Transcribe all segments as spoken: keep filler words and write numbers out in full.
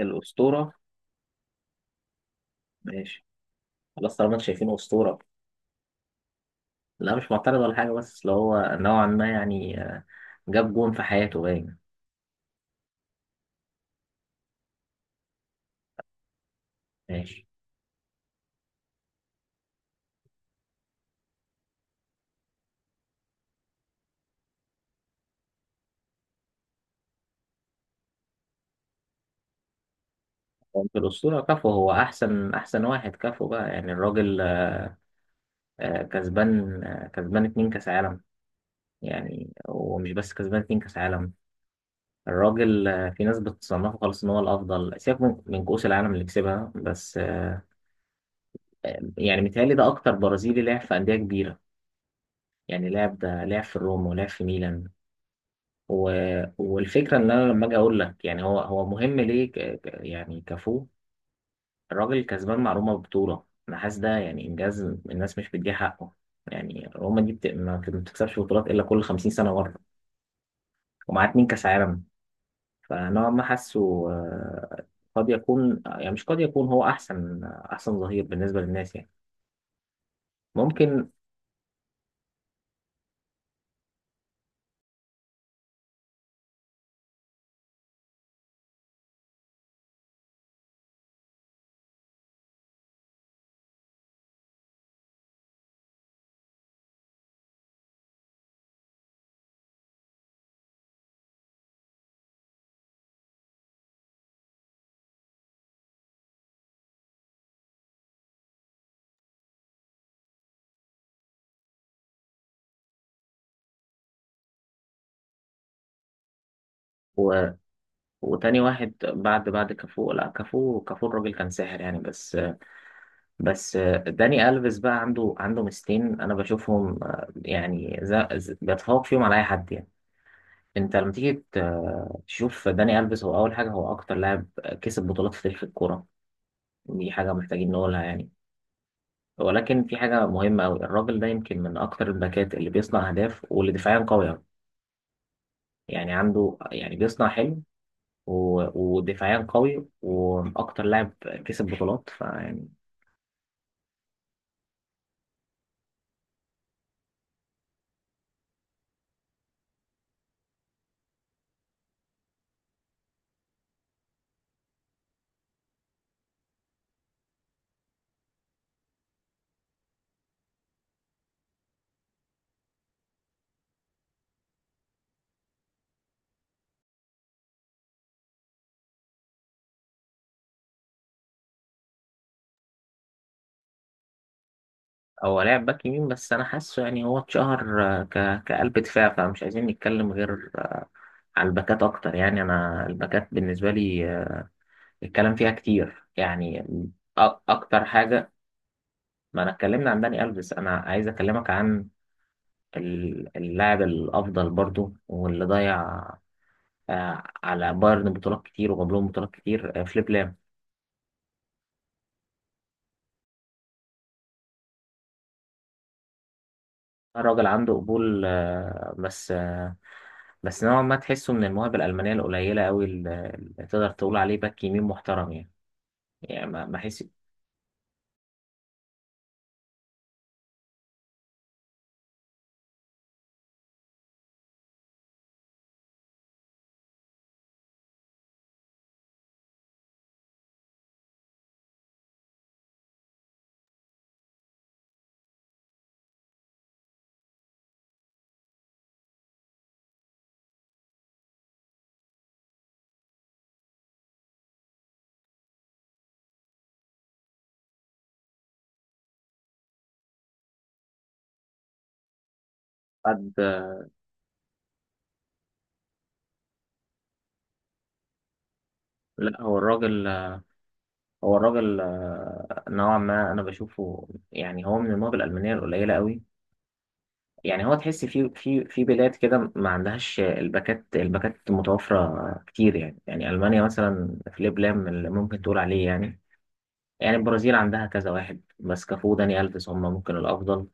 الأسطورة، ماشي. خلاص طالما انتوا شايفين أسطورة. لا مش معترض ولا حاجة، بس اللي هو نوعا ما يعني آه، جاب جون في حياته باين. ماشي. هو في الأسطورة كفو، هو أحسن أحسن واحد كفو بقى، يعني الراجل آه، كسبان، آه، كسبان اتنين كأس عالم. يعني ومش بس كسبان اتنين كأس عالم، الراجل آه، في ناس بتصنفه خلاص إن هو الأفضل، سيبك من من كؤوس العالم اللي كسبها، بس آه، يعني متهيألي ده أكتر برازيلي لعب في أندية كبيرة. يعني لعب، ده لعب في الروم ولعب في ميلان. و... والفكره ان انا لما اجي اقول لك يعني هو هو مهم ليه، ك... ك- يعني كفو. الراجل كسبان معلومه ببطوله، انا حاسس ده يعني انجاز الناس مش بتديه حقه. يعني روما دي بت... ما بت- ما بتكسبش بطولات الا كل خمسين سنه مره، ومعاه اتنين كاس عالم. فنوعا ما حاسه آه، قد يكون، يعني مش قد يكون، هو احسن احسن ظهير بالنسبه للناس يعني، ممكن. و... وتاني واحد بعد بعد كافو، لا كافو، كافو الراجل كان ساحر يعني. بس بس آه، داني ألفيس بقى عنده عنده ميزتين انا بشوفهم، آه، يعني ز- ز- بيتفوق فيهم على اي حد يعني. انت لما تيجي ت- آه، تشوف داني ألفيس، هو اول حاجه، هو اكتر لاعب كسب بطولات في تاريخ الكوره. دي حاجه محتاجين نقولها يعني. ولكن في حاجه مهمه قوي، الراجل ده يمكن من اكتر الباكات اللي بيصنع اهداف واللي دفاعيا قوي أوي. يعني عنده، يعني بيصنع حلو و- ودفاعيا قوي واكتر لاعب كسب بطولات، فيعني هو لاعب باك يمين، بس انا حاسه يعني هو اتشهر آه، ك... كقلب دفاع، فمش عايزين نتكلم غير آه، على الباكات اكتر. يعني انا الباكات بالنسبه لي آه، الكلام فيها كتير يعني. أ- اكتر حاجه، ما انا اتكلمنا عن داني الفيس، انا عايز اكلمك عن ال- اللاعب الافضل برضو، واللي ضيع آه، على بايرن بطولات كتير وجاب لهم بطولات كتير، آه، فليب لام. الراجل عنده قبول، آه، بس آه، بس نوعا ما تحسه من المواهب الألمانية القليلة أوي، اللي اللي تقدر تقول عليه باك يمين محترم يعني. يعني ما ما أحس حد. لا، هو الراجل، هو الراجل آه، نوعا ما أنا بشوفه يعني هو من المواهب الألمانية القليلة أوي. يعني هو تحس في في في بلاد كده ما عندهاش الباكات الباكات متوفرة كتير، يعني يعني ألمانيا مثلا في ليبلام اللي ممكن تقول عليه يعني. يعني البرازيل عندها كذا واحد، بس كافو، داني ألفيس، هم ممكن الأفضل.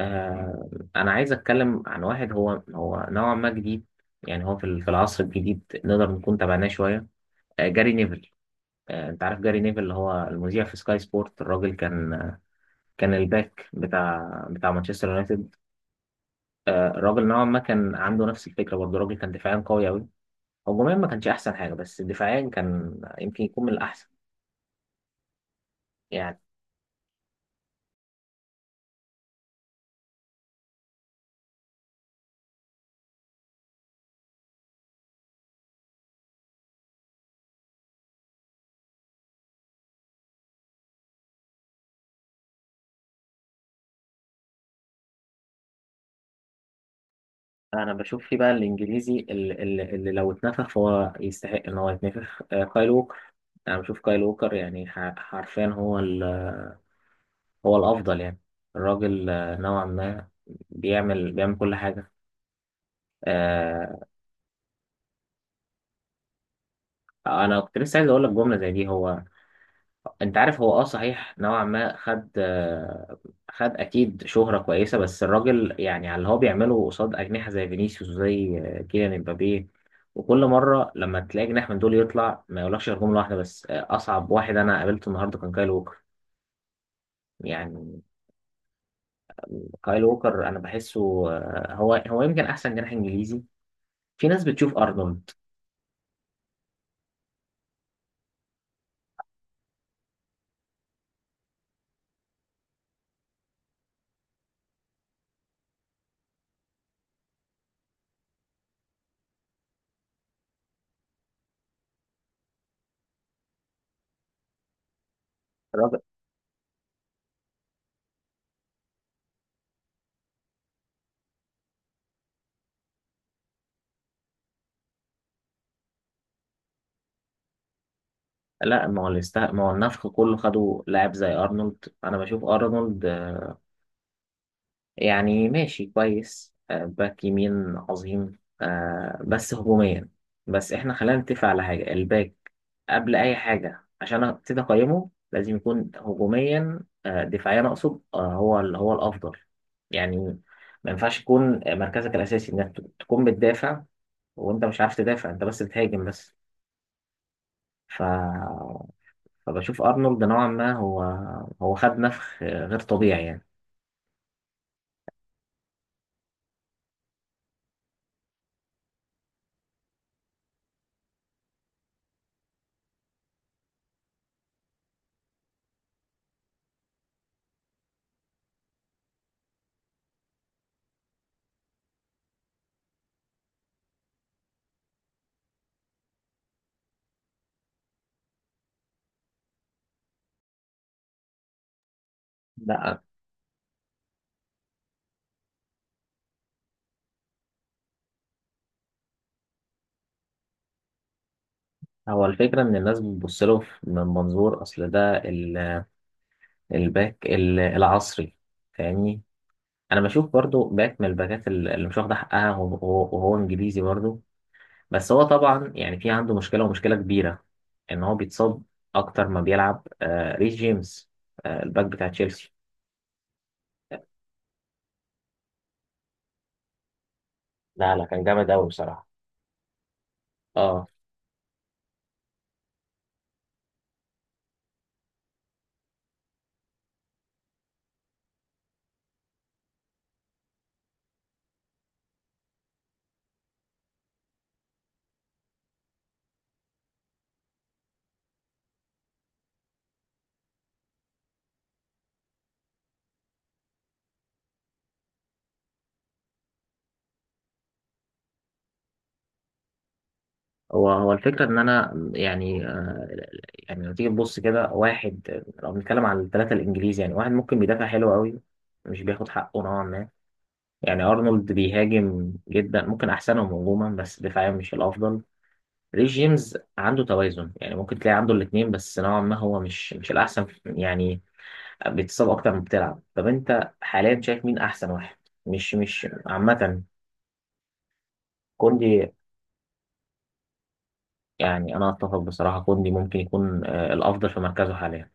آه. أنا عايز أتكلم عن واحد هو هو نوعا ما جديد، يعني هو في ال- في العصر الجديد نقدر نكون تابعناه شوية، آه، جاري نيفل. آه، أنت عارف جاري نيفل اللي هو المذيع في سكاي سبورت. الراجل كان، آه، كان الباك بتاع بتاع مانشستر يونايتد. آه، الراجل نوعا ما كان عنده نفس الفكرة برضه. الراجل كان دفاعيا قوي أوي، هجوميا ما كانش أحسن حاجة، بس دفاعيا كان يمكن يكون من الأحسن يعني. انا بشوف في بقى الانجليزي اللي, اللي لو اتنفخ فهو يستحق ان هو يتنفخ، آه، كايل ووكر. انا بشوف كايل ووكر يعني ح- حرفيا هو ال- هو الافضل يعني. الراجل آه، نوعا ما بيعمل بيعمل كل حاجه. آه. انا كنت لسه عايز اقول لك جمله زي دي. هو انت عارف هو اه صحيح نوعا ما خد، آه، خد اكيد شهرة كويسة، بس الراجل يعني على اللي هو بيعمله قصاد اجنحة زي فينيسيوس وزي آه، كيليان امبابي، وكل مرة لما تلاقي جناح من دول يطلع ما يقولكش غير جملة واحدة بس، آه، اصعب واحد انا قابلته النهاردة كان كايل ووكر. يعني كايل ووكر انا بحسه آه، هو هو يمكن احسن جناح انجليزي. في ناس بتشوف ارنولد. الراجل، لا ما هو الاست- ما هو النفخ كله، خدوا لاعب زي ارنولد. انا بشوف ارنولد يعني ماشي كويس، آه، باك يمين عظيم، آه، بس هجوميا. بس احنا خلينا نتفق على حاجة، الباك قبل أي حاجة عشان أبتدي أقيمه لازم يكون هجوميا، آه، دفاعيا أقصد، آه، هو ال- هو الأفضل يعني. ما ينفعش يكون مركزك الأساسي إنك تكون بتدافع وأنت مش عارف تدافع، أنت بس بتهاجم بس. ف... فبشوف أرنولد نوعا ما هو، هو خد نفخ غير طبيعي يعني. لا، هو الفكرة إن الناس بتبص له في- من منظور أصل ده ال- الباك ال- العصري، فاهمني. أنا بشوف برضو باك من الباكات ال- اللي مش واخدة حقها، وهو وهو- وهو إنجليزي برضو، بس هو طبعا يعني في عنده مشكلة ومشكلة كبيرة إن هو بيتصاب أكتر ما بيلعب، آه، ريس جيمس، آه، الباك بتاع تشيلسي. لا لا كان جامد قوي بصراحة. اه. هو هو الفكرة إن أنا يعني آه، يعني لو تيجي تبص كده، واحد لو بنتكلم عن الثلاثة الإنجليزي، يعني واحد ممكن بيدافع حلو قوي، مش بياخد حقه نوعا ما يعني. أرنولد بيهاجم جدا، ممكن أحسنهم هجوما، بس دفاعيا مش الأفضل. ريس جيمس عنده توازن، يعني ممكن تلاقي عنده الاتنين، بس نوعا ما هو مش مش الأحسن يعني، بيتصاب أكتر ما بتلعب. طب أنت حاليا شايف مين أحسن واحد، مش مش عامة؟ كوندي. يعني أنا أتفق بصراحة، كوندي ممكن يكون، آه، الأفضل في مركزه حاليا.